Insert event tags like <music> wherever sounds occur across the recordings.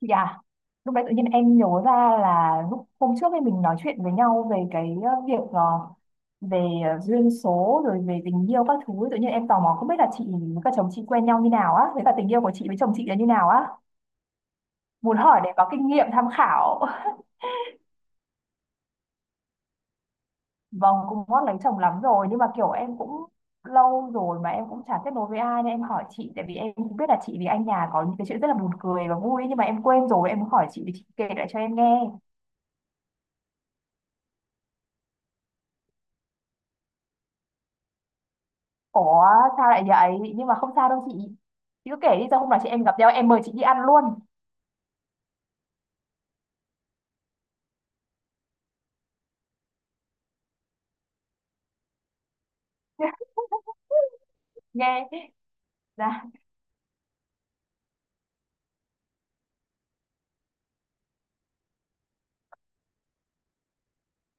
Chị à, lúc đấy tự nhiên em nhớ ra là lúc hôm trước ấy mình nói chuyện với nhau về cái việc về duyên số rồi về tình yêu các thứ ấy. Tự nhiên em tò mò không biết là chị với cả chồng chị quen nhau như nào á, với cả tình yêu của chị với chồng chị là như nào á, muốn hỏi để có kinh nghiệm tham khảo. <laughs> Vâng, cũng ngót lấy chồng lắm rồi nhưng mà kiểu em cũng lâu rồi mà em cũng chả kết nối với ai nên em hỏi chị, tại vì em cũng biết là chị với anh nhà có những cái chuyện rất là buồn cười và vui, nhưng mà em quên rồi, em muốn hỏi chị để chị kể lại cho em nghe. Ủa sao lại vậy? Nhưng mà không sao đâu chị. Chị cứ kể đi, sao hôm nào chị em gặp nhau em mời chị đi ăn luôn. <laughs> Nghe ra,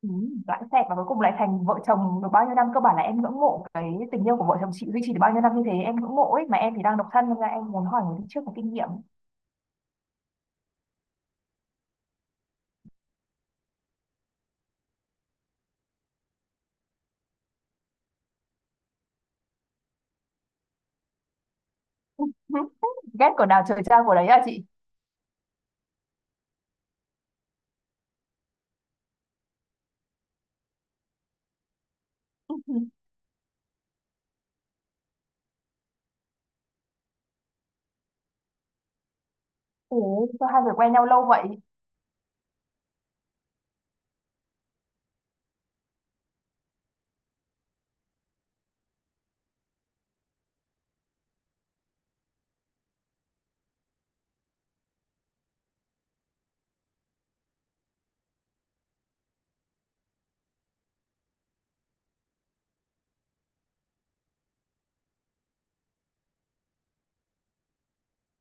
ừ, lãng xẹt và cuối cùng lại thành vợ chồng được bao nhiêu năm, cơ bản là em ngưỡng mộ cái tình yêu của vợ chồng chị duy trì được bao nhiêu năm như thế, em ngưỡng mộ ấy mà em thì đang độc thân nên là em muốn hỏi người đi trước có kinh nghiệm. <laughs> Ghét của nào trời trao của đấy à chị? <laughs> Ủa sao hai người quen nhau lâu vậy?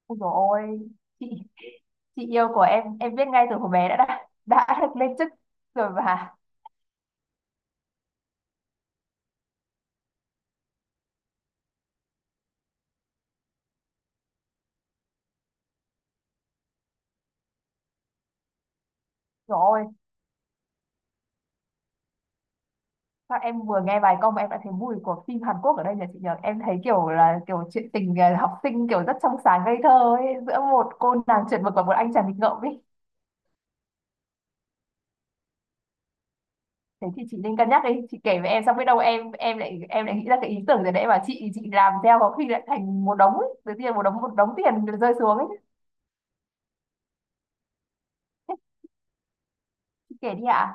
Ôi dồi ôi, chị chị yêu của em biết ngay từ hồi bé đã được lên chức rồi mà. Rồi. Sao em vừa nghe bài câu mà em đã thấy mùi của phim Hàn Quốc ở đây nhỉ chị nhỉ? Em thấy kiểu là kiểu chuyện tình học sinh kiểu rất trong sáng ngây thơ ấy, giữa một cô nàng chuẩn mực và một anh chàng nghịch ngợm ấy. Thế thì chị nên cân nhắc đi, chị kể với em xong biết đâu em lại nghĩ ra cái ý tưởng rồi đấy mà chị làm theo có khi lại thành một đống ấy, tự nhiên một đống tiền rơi xuống ấy. Chị kể đi ạ.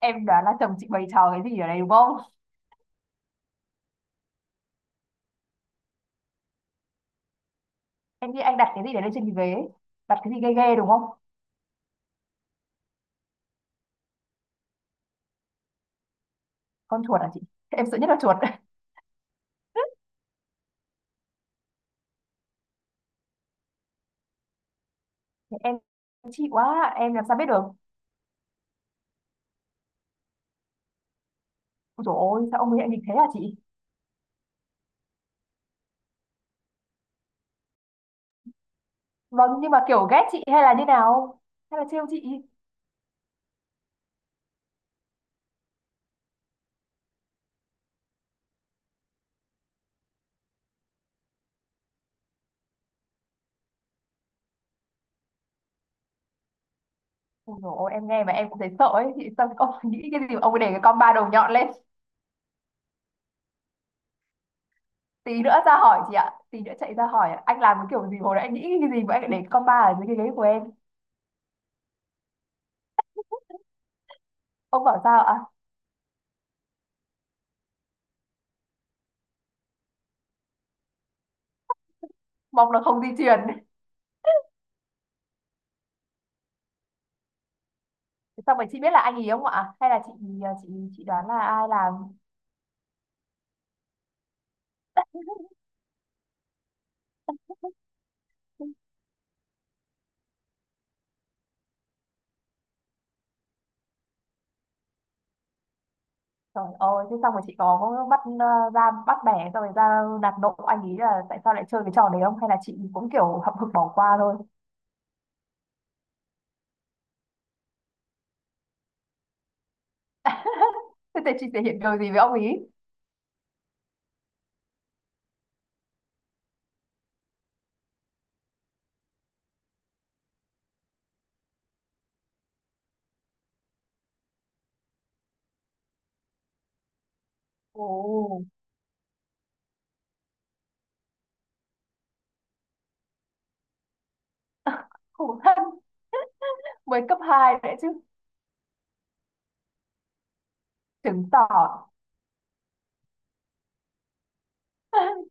Em đoán là chồng chị bày trò cái gì ở đây đúng không? Em nghĩ anh đặt cái gì để lên trên cái ghế ấy. Đặt cái gì ghê ghê đúng không? Con chuột à chị? Em sợ nhất là chuột. <laughs> Em chị quá, em làm sao biết được? Ôi dồi ôi, sao ông ấy lại nghịch thế hả chị? Vâng, nhưng mà kiểu ghét chị hay là như nào? Hay là trêu chị? Ôi dồi ôi, em nghe mà em cũng thấy sợ ấy. Chị sao? <laughs> Ông nghĩ cái gì mà ông ấy để cái con ba đầu nhọn lên. Tí nữa ra hỏi chị ạ. Tí nữa chạy ra hỏi ạ. Anh làm cái kiểu gì hồi nãy anh nghĩ cái gì mà anh lại để cái con ba ở dưới cái ghế của em. Ông bảo sao ạ? Mong là không di truyền. <laughs> Xong rồi chị biết là anh ý không ạ? Hay là chị à, chị chị đoán là ai làm? Trời ơi, thế xong rồi chị có bắt ra bắt bẻ xong rồi ra nạt nộ anh ý là tại sao lại chơi cái trò đấy không? Hay là chị cũng kiểu hậm hực bỏ qua thôi? Thế thì chị thể hiện điều gì với ông ý? Ồ, khổ thân, mới cấp 2 đấy chứ. Chứng tỏ,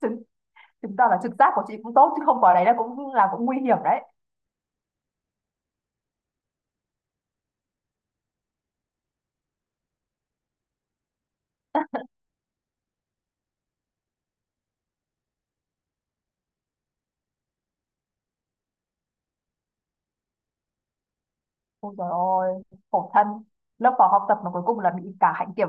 chứng, chứng tỏ là trực giác của chị cũng tốt, chứ không có đấy là cũng nguy hiểm đấy. Ôi trời ơi, khổ thân. Lớp phó học tập mà cuối cùng là bị cả hạnh kiểm.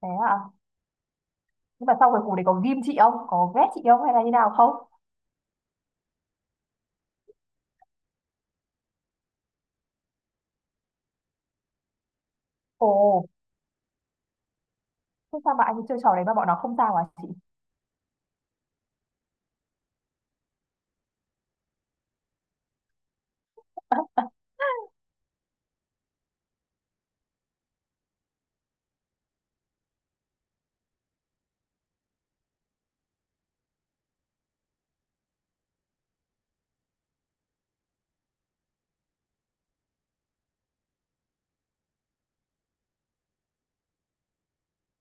Thế à? Nhưng mà sau cuối cùng thì có ghim chị không? Có ghét chị không hay là như nào không? Ồ, thế sao mà anh ấy chơi trò đấy mà bọn nó không sao à chị?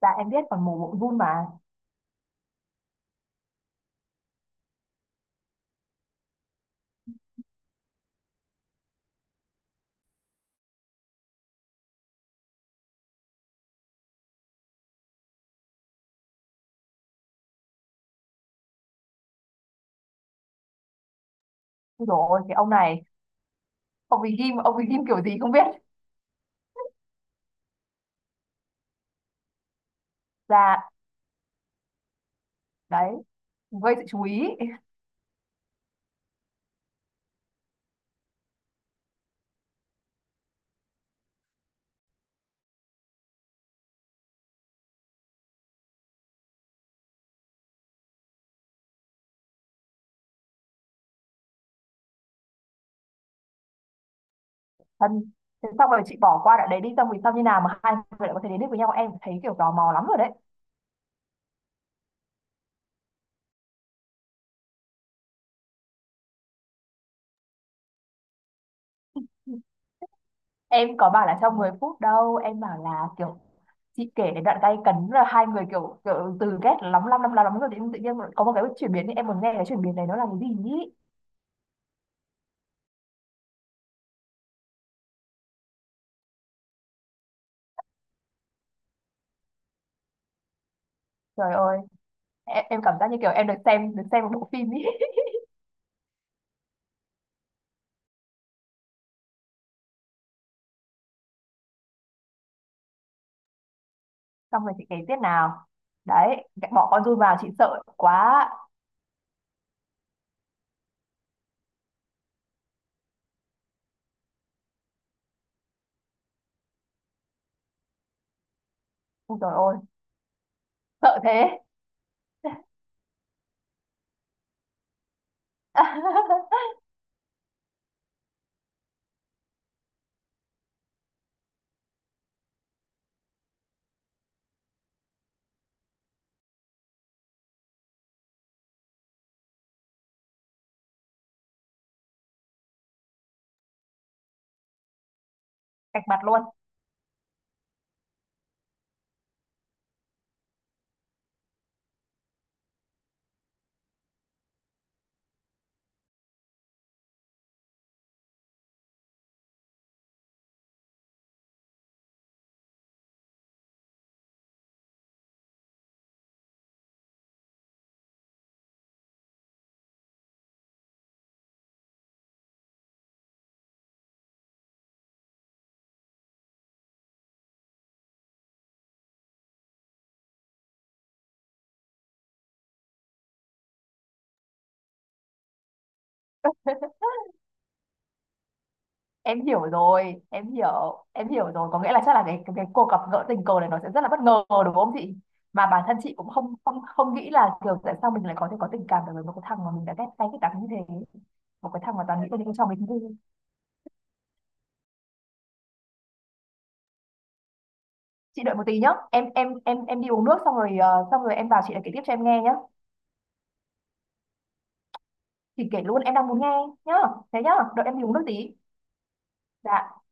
Dạ em biết còn mồm bụng run mà. Ôi trời ơi, cái ông này, ông ấy ghim kiểu gì không biết. Dạ, đấy, gây sự chú ý. Thân, thế xong rồi chị bỏ qua đoạn đấy đi, xong vì sao như nào mà hai người lại có thể đến được với nhau, em thấy kiểu tò mò lắm rồi đấy. Em có bảo là trong 10 phút đâu, em bảo là kiểu chị kể đến đoạn tay cấn là hai người kiểu kiểu từ ghét lắm lắm lắm lắm lắm rồi tự nhiên có một cái chuyển biến, em muốn nghe cái chuyển biến này nó là cái gì ý. Trời ơi, em cảm giác như kiểu em được xem một bộ phim ý. <laughs> Xong rồi chị kể tiếp nào. Đấy bỏ con giun vào chị sợ quá. Ui trời ơi, sợ thế. <laughs> Cạch mặt luôn. Em hiểu rồi em hiểu em hiểu rồi, có nghĩa là chắc là cái cuộc gặp gỡ tình cờ này nó sẽ rất là bất ngờ đúng không chị? Mà bản thân chị cũng không không không nghĩ là kiểu tại sao mình lại có thể có tình cảm đối với một cái thằng mà mình đã ghét cay ghét đắng như thế, một cái thằng mà toàn nghĩ tới những cái trò mình vui. Chị đợi một tí nhá, em đi uống nước xong rồi xong rồi em vào chị lại kể tiếp cho em nghe nhá. Chị kể luôn, em đang muốn nghe nhá. Thế nhá. Đợi em đi uống nước tí. Dạ.